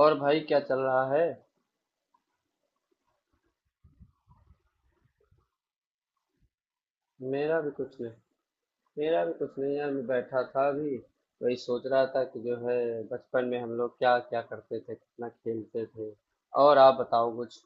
और भाई क्या चल रहा है। मेरा भी कुछ नहीं मेरा भी कुछ नहीं यार, मैं बैठा था अभी। वही सोच रहा था कि जो है बचपन में हम लोग क्या क्या करते थे, कितना खेलते थे। और आप बताओ कुछ।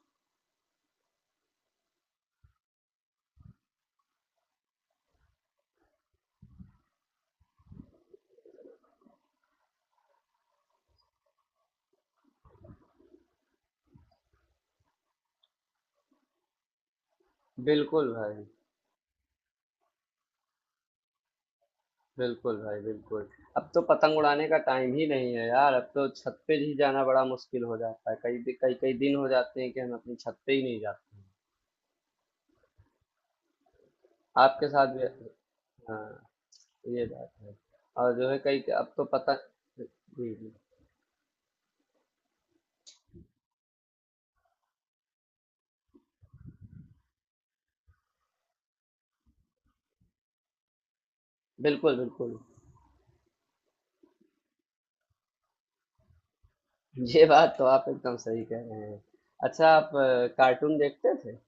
बिल्कुल भाई, बिल्कुल भाई, बिल्कुल। अब तो पतंग उड़ाने का टाइम ही नहीं है यार। अब तो छत पे ही जाना बड़ा मुश्किल हो जाता है, कई कई कई दिन हो जाते हैं कि हम अपनी छत पे ही नहीं जाते। आपके साथ भी? हाँ, ये बात है। और जो है कई अब तो पतंग। जी जी। बिल्कुल बिल्कुल। ये बात तो आप एकदम सही कह रहे हैं। अच्छा, आप कार्टून देखते थे?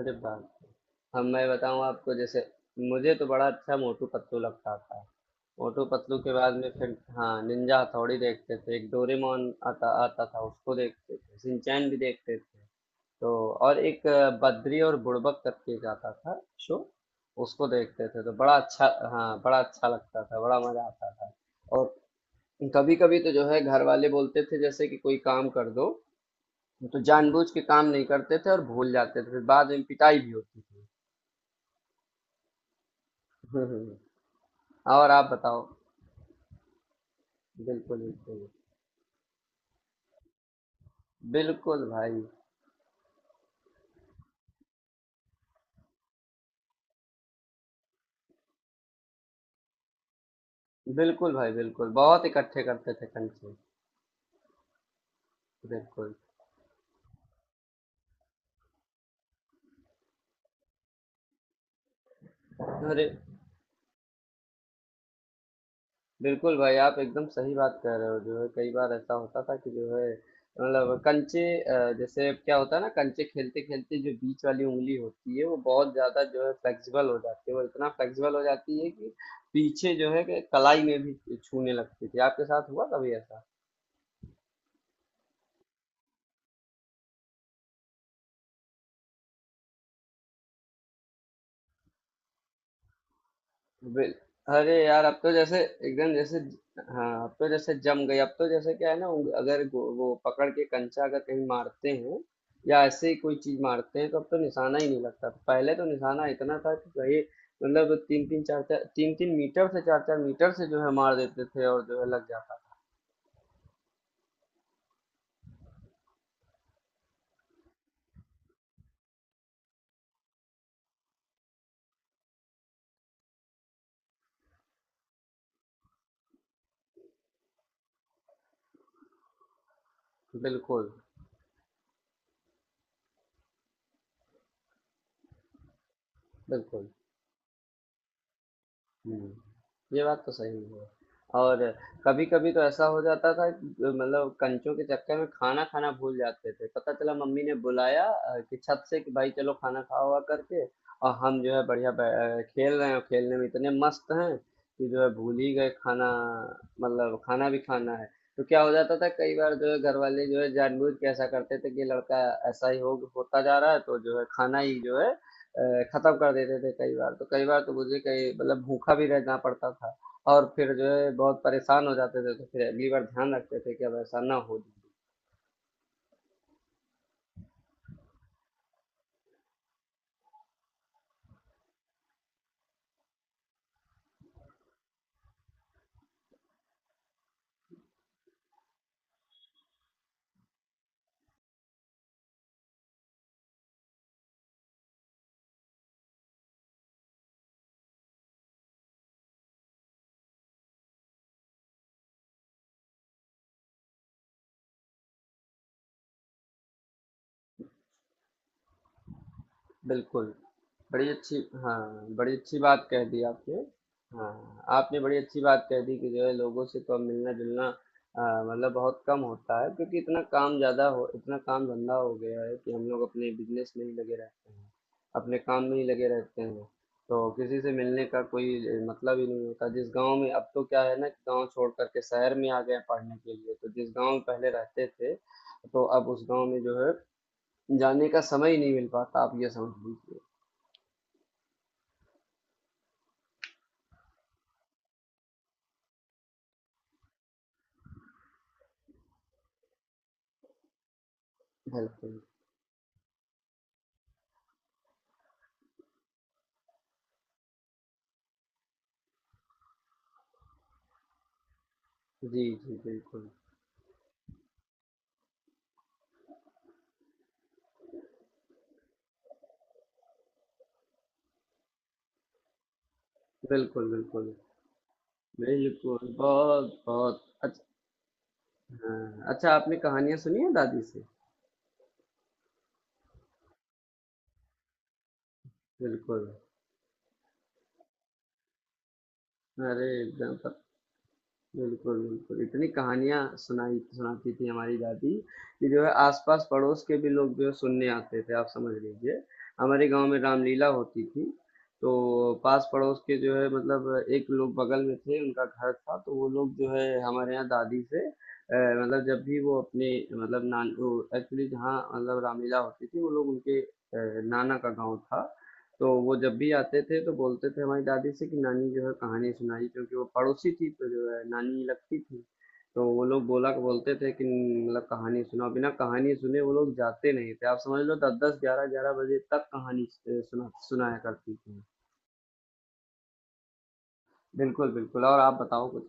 अरे बाप रे। हम मैं बताऊं आपको, जैसे मुझे तो बड़ा अच्छा मोटू पतलू लगता था। मोटू पतलू के बाद में फिर हाँ निंजा हथौड़ी देखते थे, एक डोरेमोन आता आता था उसको देखते थे, सिंचैन भी देखते थे तो। और एक बद्री और बुड़बक करके एक आता था शो, उसको देखते थे तो बड़ा अच्छा, हाँ बड़ा अच्छा लगता था, बड़ा मजा आता था। और कभी कभी तो जो है घर वाले बोलते थे जैसे कि कोई काम कर दो, तो जानबूझ के काम नहीं करते थे और भूल जाते थे, फिर बाद में पिटाई भी होती थी। हम्म, और आप बताओ? बिल्कुल बिल्कुल। बिल्कुल भाई, बिल्कुल भाई, बिल्कुल। बहुत इकट्ठे करते थे कंचे। बिल्कुल। अरे बिल्कुल भाई, आप एकदम सही बात कह रहे हो। जो है कई बार ऐसा होता था कि जो है मतलब कंचे, जैसे अब क्या होता है ना, कंचे खेलते खेलते जो बीच वाली उंगली होती है वो बहुत ज्यादा जो है फ्लेक्सिबल हो जाती है, वो इतना फ्लेक्सिबल हो जाती है कि पीछे जो है कि कलाई में भी छूने लगती थी। आपके साथ हुआ कभी ऐसा? बिल अरे यार, अब तो जैसे एकदम जैसे, हाँ अब तो जैसे जम गई। अब तो जैसे क्या है ना, उंग- अगर गो- वो पकड़ के कंचा अगर कहीं मारते हैं या ऐसे ही कोई चीज मारते हैं तो अब तो निशाना ही नहीं लगता। पहले तो निशाना इतना था कि भाई मतलब 3 3 4 4 3 3 मीटर से 4 4 मीटर से जो है मार देते थे और जो है लग जाता। बिल्कुल बिल्कुल। हुँ, ये बात तो सही है। और कभी-कभी तो ऐसा हो जाता था कि मतलब कंचों के चक्कर में खाना खाना भूल जाते थे। पता चला मम्मी ने बुलाया कि छत से कि भाई चलो खाना खाओ-वाओ करके, और हम जो है बढ़िया खेल रहे हैं और खेलने में इतने मस्त हैं कि जो है भूल ही गए खाना, मतलब खाना भी खाना है। तो क्या हो जाता था कई बार जो है घर वाले जो है जानबूझ के ऐसा करते थे कि लड़का ऐसा ही हो होता जा रहा है तो जो है खाना ही जो है खत्म कर देते थे कई बार तो। कई बार तो मुझे कई मतलब भूखा भी रहना पड़ता था और फिर जो है बहुत परेशान हो जाते थे तो फिर अगली बार ध्यान रखते थे कि अब ऐसा ना हो। बिल्कुल। बड़ी अच्छी, हाँ बड़ी अच्छी बात कह दी आपने। हाँ, आपने बड़ी अच्छी बात कह दी कि जो है लोगों से तो अब मिलना-जुलना अ, मतलब बहुत कम होता है, क्योंकि इतना काम ज़्यादा हो, इतना काम-धंधा हो गया है कि हम लोग अपने बिज़नेस में ही लगे रहते हैं, अपने काम में ही लगे रहते हैं। तो किसी से मिलने का कोई मतलब ही नहीं होता। जिस गाँव में अब तो क्या है ना कि गाँव छोड़ कर के शहर में आ गए हैं पढ़ने के लिए, तो जिस गाँव में पहले रहते थे, तो अब उस गाँव में जो है जाने का समय ही नहीं मिल पाता, आप ये समझ लीजिए। बिल्कुल। जी, जी, बिल्कुल। बिल्कुल, बिल्कुल। बिल्कुल, बहुत-बहुत अच्छ। हाँ, अच्छा, आपने कहानियाँ सुनी हैं दादी से? बिल्कुल। अरे! एकदम बिल्कुल, बिल्कुल। इतनी कहानियाँ सुनाई सुनाती थी हमारी दादी कि जो है आस-पास पड़ोस के भी लोग जो है सुनने आते थे, आप समझ लीजिए। हमारे गाँव में रामलीला होती थी, तो पास-पड़ोस के जो है मतलब एक लोग बगल में थे, उनका घर था, तो वो लोग जो है हमारे यहाँ दादी से मतलब जब भी वो अपने मतलब नान वो एक्चुअली जहाँ मतलब रामलीला होती थी, वो लोग उनके नाना का गाँव था। तो वो जब भी आते थे तो बोलते थे हमारी दादी से कि नानी जो है कहानी सुनाई, क्योंकि वो पड़ोसी थी तो जो है नानी लगती थी। तो वो लोग बोला बोलते थे कि मतलब कहानी सुनाओ, बिना कहानी सुने वो लोग जाते नहीं थे, आप समझ लो, 10 10 11 11 बजे तक कहानी सुनाया करती थी। बिल्कुल बिल्कुल। और आप बताओ कुछ।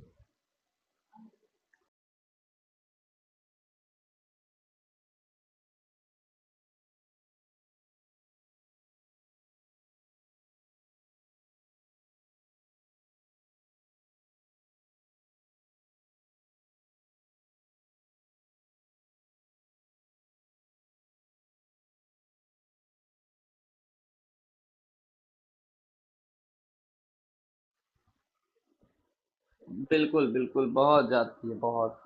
बिल्कुल बिल्कुल। बहुत जाती है, बहुत।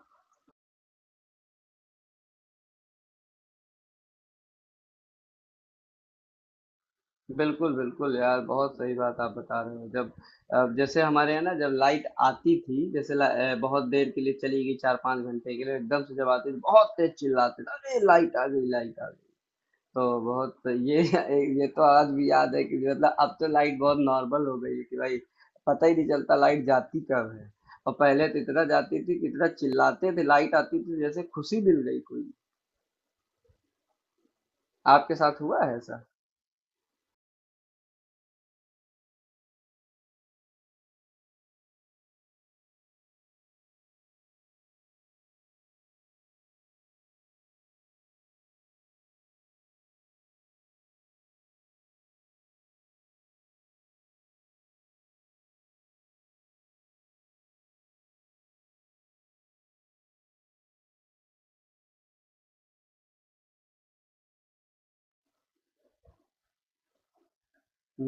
बिल्कुल, बिल्कुल यार, बहुत सही बात आप बता रहे हो। जब जैसे हमारे यहाँ ना जब लाइट आती थी, जैसे बहुत देर के लिए चली गई 4-5 घंटे के लिए, एकदम से जब आती थी, बहुत तेज़ चिल्लाते थे, "अरे! लाइट आ गई, लाइट आ गई।" तो बहुत ये तो आज भी याद है कि मतलब अब तो लाइट बहुत नॉर्मल हो गई है कि भाई पता ही नहीं चलता लाइट जाती कब है। और पहले तो इतना जाती थी कि इतना चिल्लाते थे, लाइट आती थी जैसे खुशी मिल गई कोई। आपके साथ हुआ है ऐसा?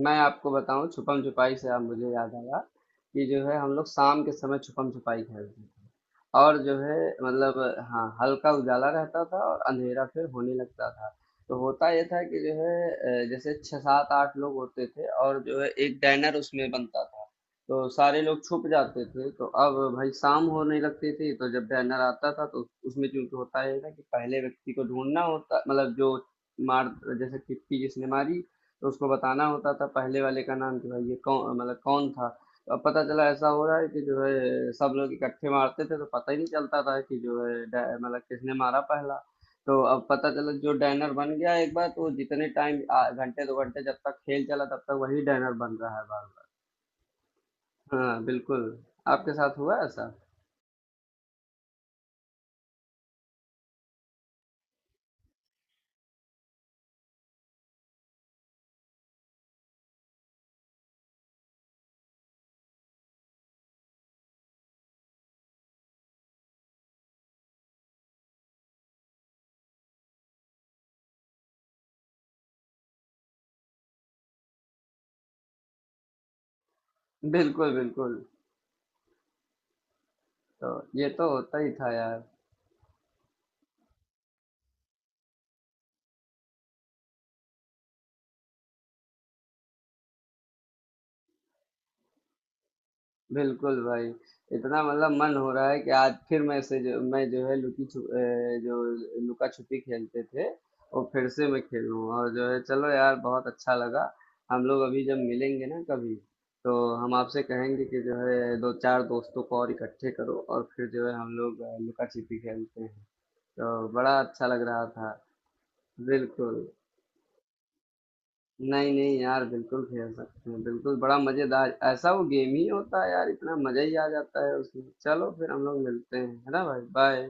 मैं आपको बताऊं छुपम छुपाई से आप मुझे याद आया कि जो है हम लोग शाम के समय छुपम छुपाई खेलते थे और जो है मतलब हाँ हल्का उजाला रहता था और अंधेरा फिर होने लगता था। तो होता यह था कि जो है जैसे छः सात आठ लोग होते थे और जो है एक डैनर उसमें बनता था, तो सारे लोग छुप जाते थे। तो अब भाई शाम होने लगती थी तो जब डैनर आता था तो उसमें चूंकि होता यह था कि पहले व्यक्ति को ढूंढना होता, मतलब जो मार जैसे टिप्पी जिसने मारी तो उसको बताना होता था पहले वाले का नाम कि भाई ये कौन मतलब कौन था। तो अब पता चला ऐसा हो रहा है कि जो है सब लोग इकट्ठे मारते थे तो पता ही नहीं चलता था कि जो है मतलब किसने मारा पहला। तो अब पता चला जो डैनर बन गया एक बार तो वो जितने टाइम घंटे 2 घंटे जब तक खेल चला तब तक वही डैनर बन रहा है बार बार। हाँ बिल्कुल। आपके साथ हुआ है ऐसा? बिल्कुल बिल्कुल। तो ये तो होता ही था यार। बिल्कुल भाई। इतना मतलब मन हो रहा है कि आज फिर मैं से जो मैं जो है लुकी छुप अ, जो लुका छुपी खेलते थे और फिर से मैं खेलूँ। और जो है चलो यार, बहुत अच्छा लगा। हम लोग अभी जब मिलेंगे ना कभी, तो हम आपसे कहेंगे कि जो है दो चार दोस्तों को और इकट्ठे करो और फिर जो है हम लोग लुका छिपी खेलते हैं, तो बड़ा अच्छा लग रहा था। बिल्कुल। नहीं नहीं यार, बिल्कुल खेल सकते हैं, बिल्कुल। बड़ा मजेदार ऐसा वो गेम ही होता है यार, इतना मजा ही आ जाता है उसमें। चलो फिर हम लोग मिलते हैं, है ना भाई, बाय।